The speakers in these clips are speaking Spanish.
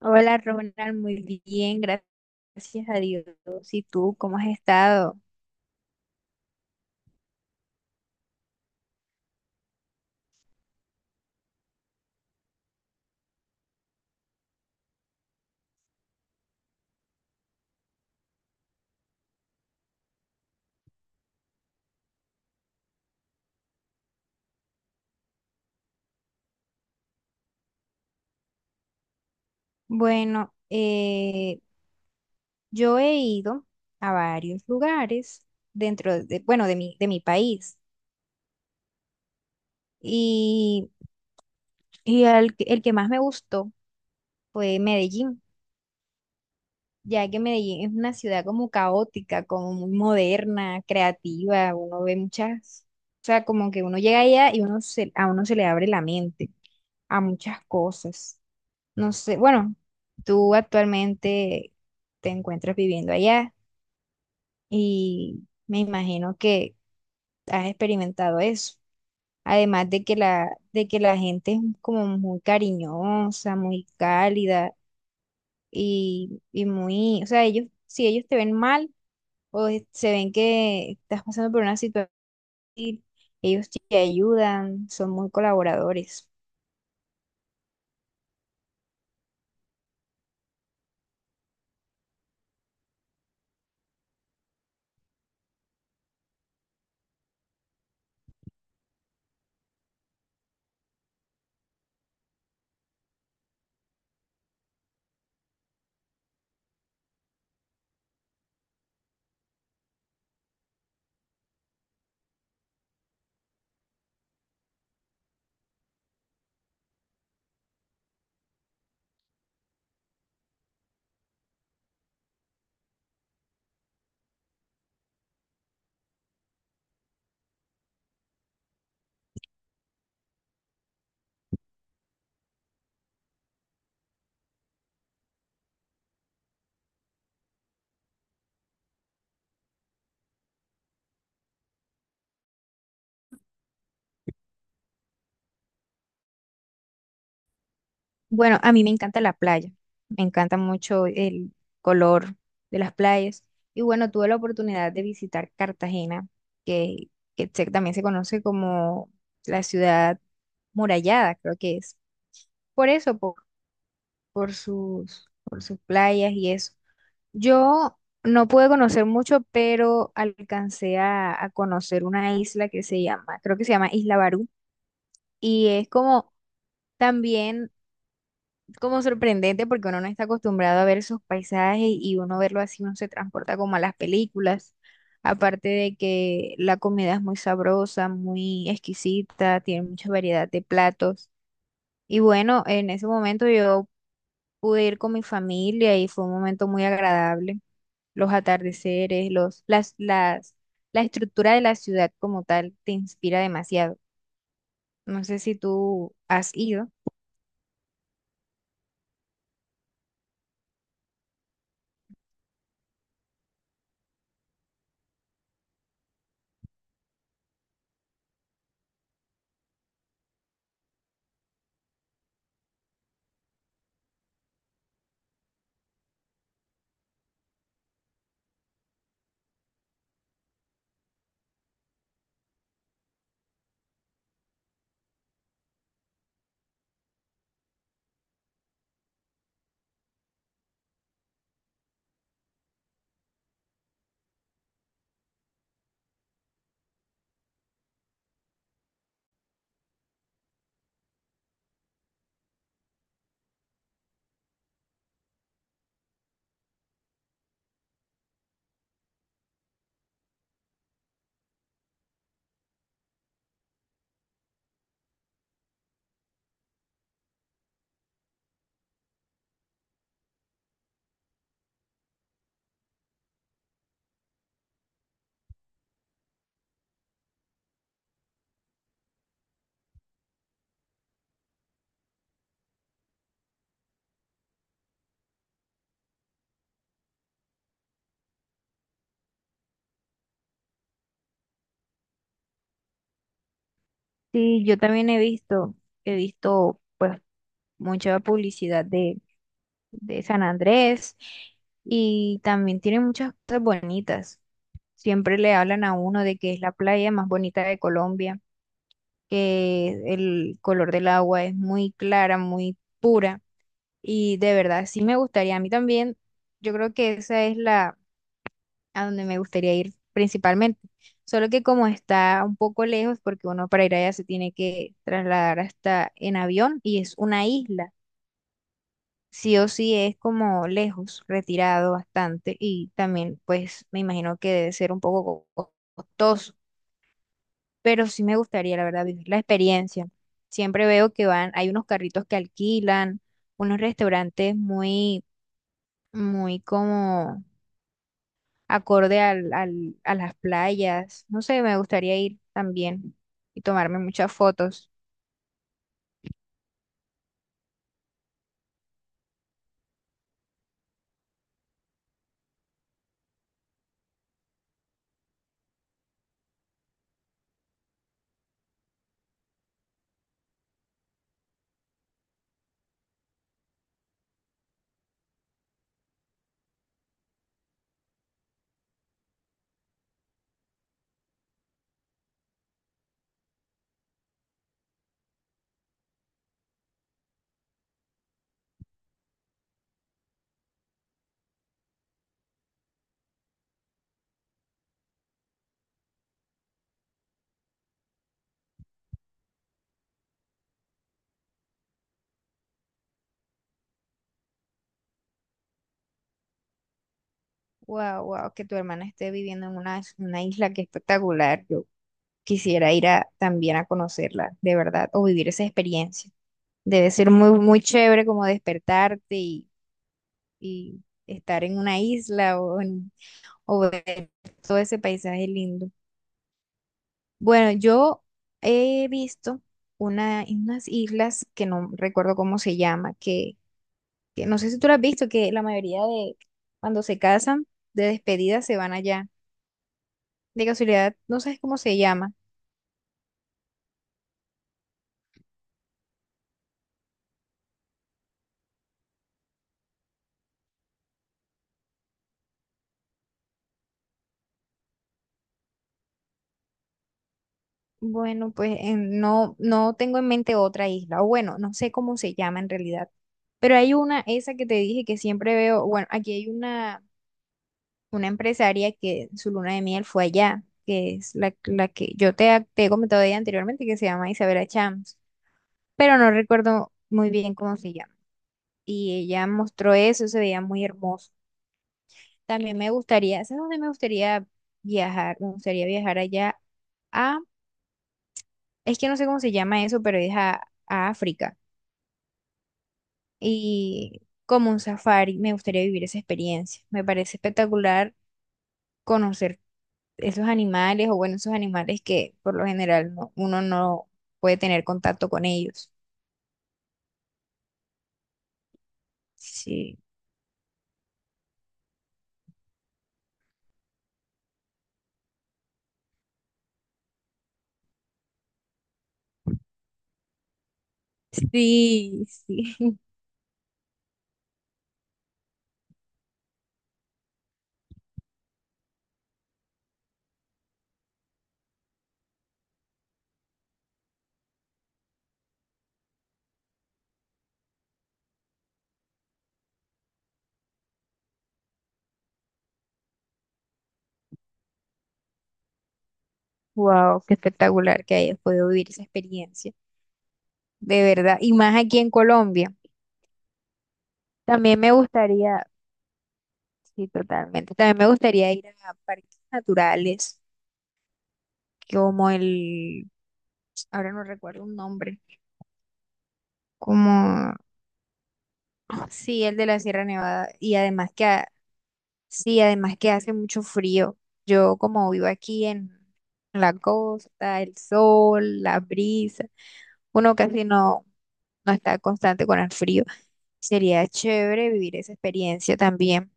Hola Ronald, muy bien, gracias a Dios. ¿Y tú cómo has estado? Bueno, yo he ido a varios lugares dentro de, bueno, de mi país y, y el que más me gustó fue Medellín. Ya que Medellín es una ciudad como caótica, como muy moderna, creativa, uno ve muchas, o sea, como que uno llega allá y uno se, a uno se le abre la mente a muchas cosas. No sé, bueno, tú actualmente te encuentras viviendo allá y me imagino que has experimentado eso. Además de que la gente es como muy cariñosa, muy cálida y muy, o sea, ellos, si ellos te ven mal o se ven que estás pasando por una situación difícil, ellos te ayudan, son muy colaboradores. Bueno, a mí me encanta la playa, me encanta mucho el color de las playas. Y bueno, tuve la oportunidad de visitar Cartagena, que, que también se conoce como la ciudad murallada, creo que es. Por eso, por sus playas y eso. Yo no pude conocer mucho, pero alcancé a conocer una isla que se llama, creo que se llama Isla Barú, y es como también como sorprendente porque uno no está acostumbrado a ver esos paisajes y uno verlo así, uno se transporta como a las películas. Aparte de que la comida es muy sabrosa, muy exquisita, tiene mucha variedad de platos. Y bueno, en ese momento yo pude ir con mi familia y fue un momento muy agradable. Los atardeceres, los, las, la estructura de la ciudad como tal te inspira demasiado. No sé si tú has ido. Sí, yo también he visto pues mucha publicidad de San Andrés y también tiene muchas cosas bonitas. Siempre le hablan a uno de que es la playa más bonita de Colombia, que el color del agua es muy clara, muy pura y de verdad sí me gustaría. A mí también, yo creo que esa es la a donde me gustaría ir principalmente. Solo que como está un poco lejos, porque uno para ir allá se tiene que trasladar hasta en avión y es una isla. Sí o sí es como lejos, retirado bastante y también pues me imagino que debe ser un poco costoso, pero sí me gustaría la verdad vivir la experiencia. Siempre veo que van, hay unos carritos que alquilan, unos restaurantes muy, muy como acorde al, a las playas. No sé, me gustaría ir también y tomarme muchas fotos. Wow, wow, que tu hermana esté viviendo en una isla que espectacular. Yo quisiera ir a, también a conocerla, de verdad, o vivir esa experiencia. Debe ser muy, muy chévere como despertarte y estar en una isla o, o ver todo ese paisaje lindo. Bueno, yo he visto una, unas islas que no recuerdo cómo se llama, que no sé si tú lo has visto, que la mayoría de cuando se casan, de despedida se van allá. De casualidad, no sabes cómo se llama. Bueno, pues no, no tengo en mente otra isla, o bueno, no sé cómo se llama en realidad. Pero hay una, esa que te dije que siempre veo, bueno, aquí hay una empresaria que su luna de miel fue allá, que es la, la que yo te, te he comentado de ella anteriormente, que se llama Isabela Chams, pero no recuerdo muy bien cómo se llama. Y ella mostró eso, se veía muy hermoso. También me gustaría, ¿sabes dónde me gustaría viajar? Me gustaría viajar allá a, es que no sé cómo se llama eso, pero es a África. Y como un safari, me gustaría vivir esa experiencia. Me parece espectacular conocer esos animales, o bueno, esos animales que por lo general uno no puede tener contacto con ellos. Sí, sí, sí. Wow, qué espectacular que hayas podido vivir esa experiencia. De verdad, y más aquí en Colombia. También me gustaría sí, totalmente. También me gustaría ir a parques naturales, como el, ahora no recuerdo un nombre, como, sí, el de la Sierra Nevada. Y además que, sí, además que hace mucho frío. Yo como vivo aquí en la costa, el sol, la brisa, uno casi no, no está constante con el frío. Sería chévere vivir esa experiencia también.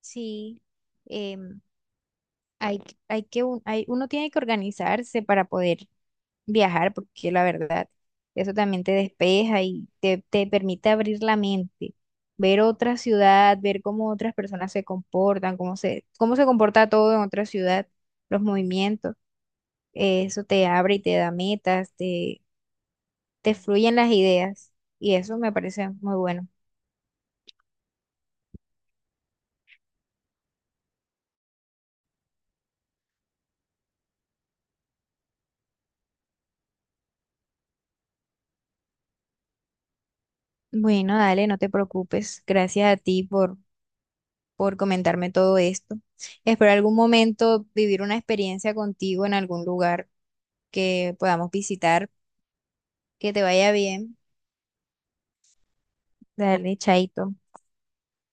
Sí, em, hay, hay que, hay, uno tiene que organizarse para poder viajar, porque la verdad, eso también te despeja y te permite abrir la mente, ver otra ciudad, ver cómo otras personas se comportan, cómo se comporta todo en otra ciudad, los movimientos, eso te abre y te da metas, te fluyen las ideas y eso me parece muy bueno. Bueno, dale, no te preocupes. Gracias a ti por comentarme todo esto. Espero algún momento vivir una experiencia contigo en algún lugar que podamos visitar. Que te vaya bien. Dale, chaito.